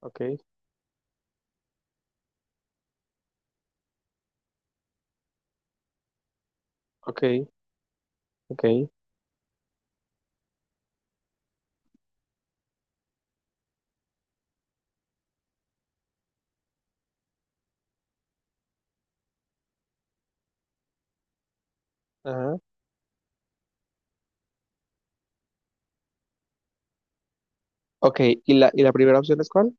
Ok, ok, ok, ajá, ok, ¿y la primera opción es cuál?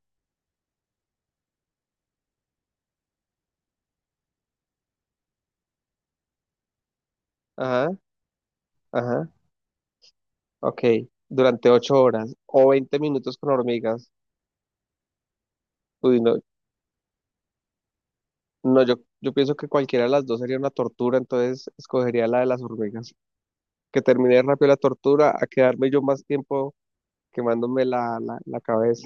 Ajá, ajá, ok, durante ocho horas o 20 minutos con hormigas. Uy, no, no, yo pienso que cualquiera de las dos sería una tortura, entonces escogería la de las hormigas. Que termine rápido la tortura a quedarme yo más tiempo quemándome la cabeza.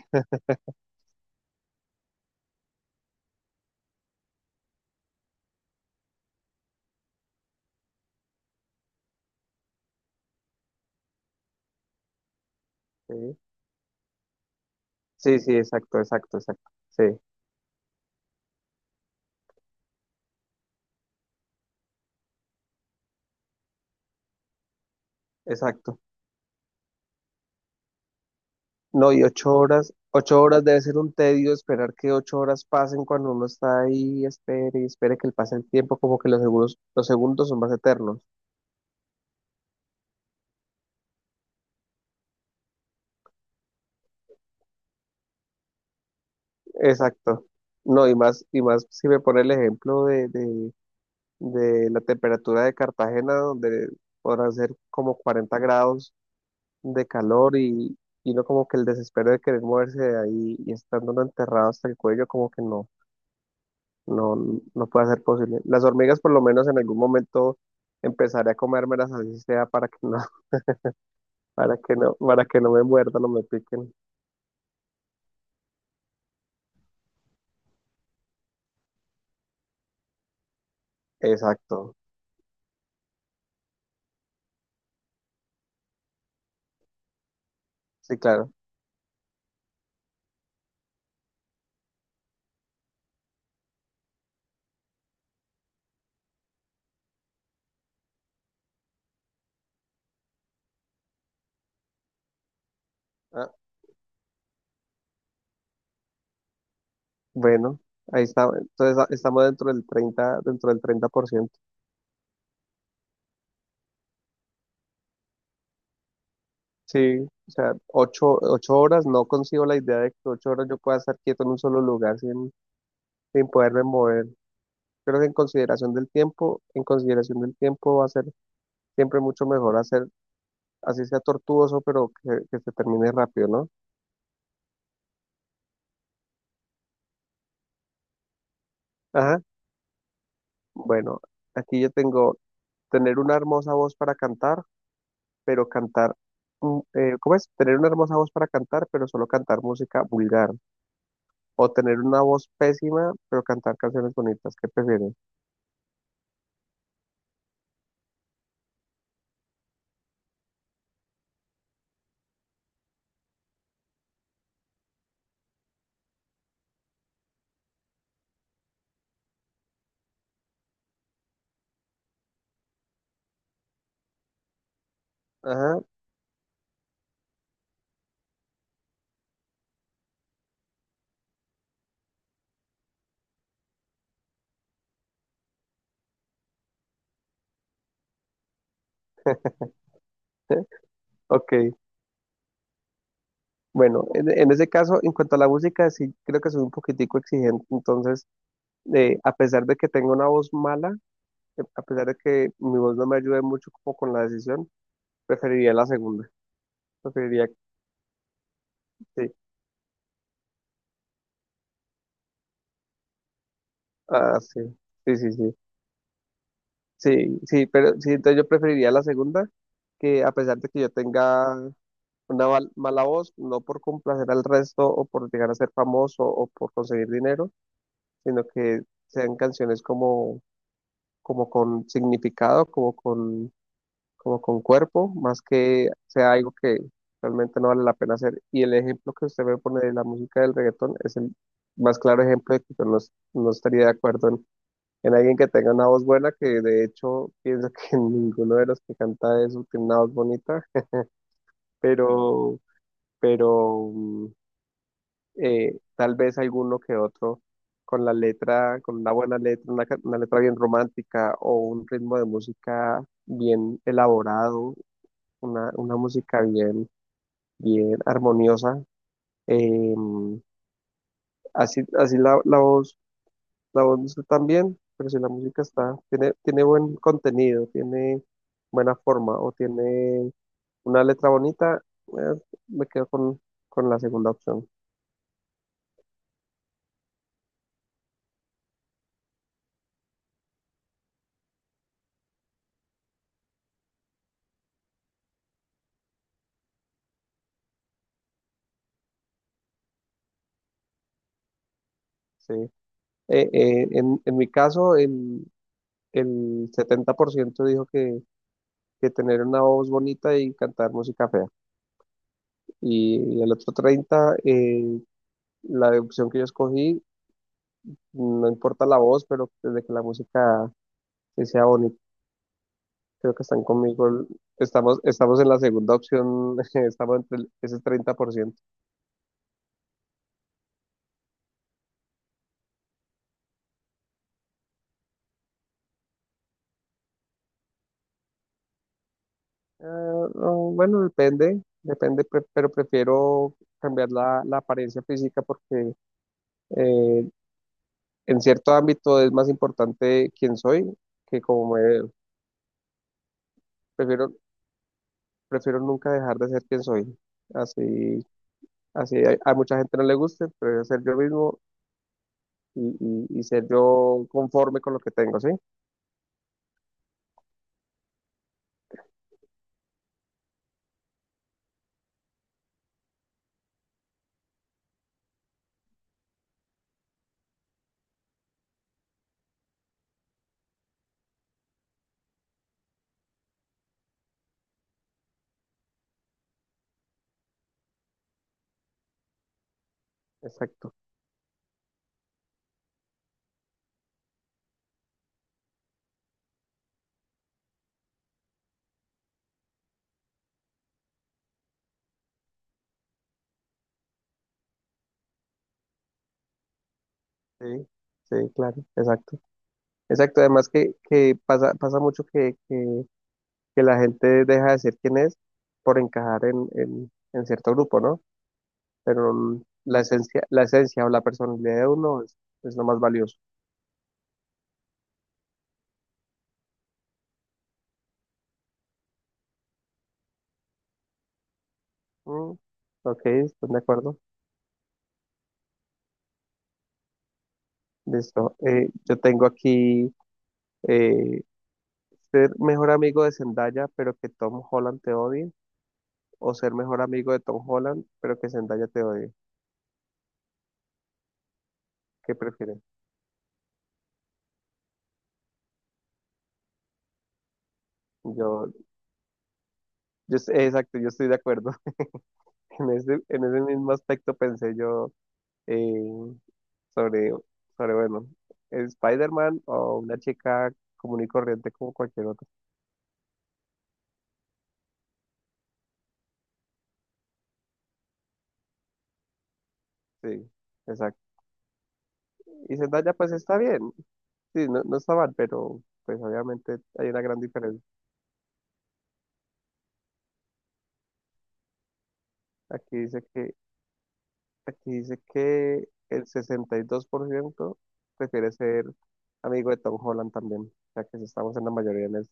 Sí, sí, sí, exacto, exacto, exacto, sí, exacto. No, y ocho horas debe ser un tedio esperar que ocho horas pasen cuando uno está ahí, espere y espere que le pase el tiempo, como que los segundos son más eternos. Exacto. No, y más si me pone el ejemplo de la temperatura de Cartagena, donde podrán ser como 40 grados de calor y uno como que el desespero de querer moverse de ahí y estando uno enterrado hasta el cuello, como que no. No, no puede ser posible. Las hormigas por lo menos en algún momento empezaré a comérmelas así sea para que no, para que no me muerdan o me piquen. Exacto, sí, claro. Ah, bueno, ahí está. Entonces estamos dentro del 30 dentro del 30%. Sí, o sea, ocho, ocho horas, no consigo la idea de que ocho horas yo pueda estar quieto en un solo lugar sin poderme mover. Creo que en consideración del tiempo, en consideración del tiempo va a ser siempre mucho mejor hacer así sea tortuoso, pero que se termine rápido, ¿no? Ajá. Bueno, aquí yo tengo tener una hermosa voz para cantar, pero cantar, ¿cómo es? Tener una hermosa voz para cantar, pero solo cantar música vulgar. O tener una voz pésima, pero cantar canciones bonitas. ¿Qué prefieres? Ajá. Ok. Bueno, en ese caso, en cuanto a la música, sí creo que soy un poquitico exigente. Entonces, a pesar de que tengo una voz mala, a pesar de que mi voz no me ayude mucho como con la decisión, preferiría la segunda. Preferiría, sí. Ah, sí. Sí, sí, sí. Sí, sí, pero sí, entonces yo preferiría la segunda, que a pesar de que yo tenga una mala voz, no por complacer al resto o por llegar a ser famoso o por conseguir dinero, sino que sean canciones como, como con significado, como con cuerpo, más que sea algo que realmente no vale la pena hacer. Y el ejemplo que usted me pone de la música del reggaetón es el más claro ejemplo de que yo no, no estaría de acuerdo en alguien que tenga una voz buena, que de hecho pienso que ninguno de los que canta eso tiene una voz bonita, pero, pero tal vez alguno que otro con la letra, con una buena letra, una letra bien romántica o un ritmo de música bien elaborado, una música bien, bien armoniosa. em, Así así la voz. La voz no está tan bien, pero si la música está, tiene, tiene buen contenido, tiene buena forma o tiene una letra bonita, eh, me quedo con la segunda opción. Sí. En mi caso, el 70% dijo que tener una voz bonita y cantar música fea. Y el otro 30%, la opción que yo escogí, no importa la voz, pero desde que la música que sea bonita. Creo que están conmigo. Estamos, estamos en la segunda opción, estamos entre ese 30%. Ah, no, bueno, depende, depende, pero prefiero cambiar la apariencia física porque eh, en cierto ámbito es más importante quién soy que como me veo. Prefiero, prefiero nunca dejar de ser quien soy. Así, así a mucha gente no le guste, pero ser yo mismo y, y y ser yo conforme con lo que tengo, ¿sí? Exacto. Sí, sí, claro, exacto. Exacto, además que pasa, pasa mucho que la gente deja de ser quien es por encajar en cierto grupo, ¿no? Pero la esencia o la personalidad de uno es lo más valioso. Mm, ok, ¿están de acuerdo? Listo. Yo tengo aquí eh, ser mejor amigo de Zendaya, pero que Tom Holland te odie, o ser mejor amigo de… en ese mismo aspecto pensé yo eh, sobre, sobre, bueno, Spider-Man o una chica común y corriente como cualquier otra. Sí, exacto. Y Zendaya pues está bien, sí, no, no está mal, pero pues obviamente hay una gran diferencia. Aquí dice que, aquí dice que el 62% prefiere ser amigo de Tom Holland también, o sea que estamos en la mayoría en eso.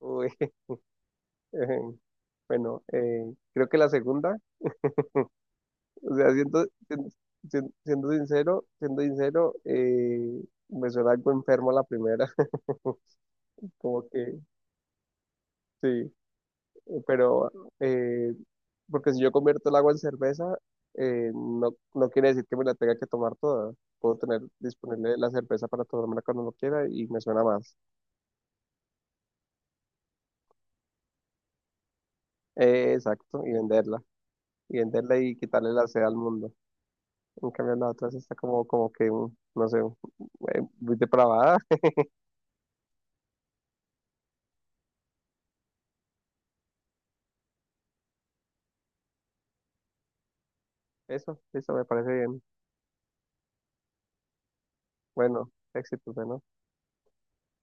Uy, bueno, creo que la segunda. O sea, siendo sincero, siendo sincero, me suena algo enfermo la primera, como que sí, pero eh, porque si yo convierto el agua en cerveza, no, no quiere decir que me la tenga que tomar toda. Puedo tener disponible la cerveza para tomármela cuando lo quiera y me suena más. Exacto, y venderla. Y venderla y quitarle la sed al mundo. En cambio, la otra sí está como, como que, no sé, muy depravada. Eso me parece bien. Bueno, éxitos, ¿no?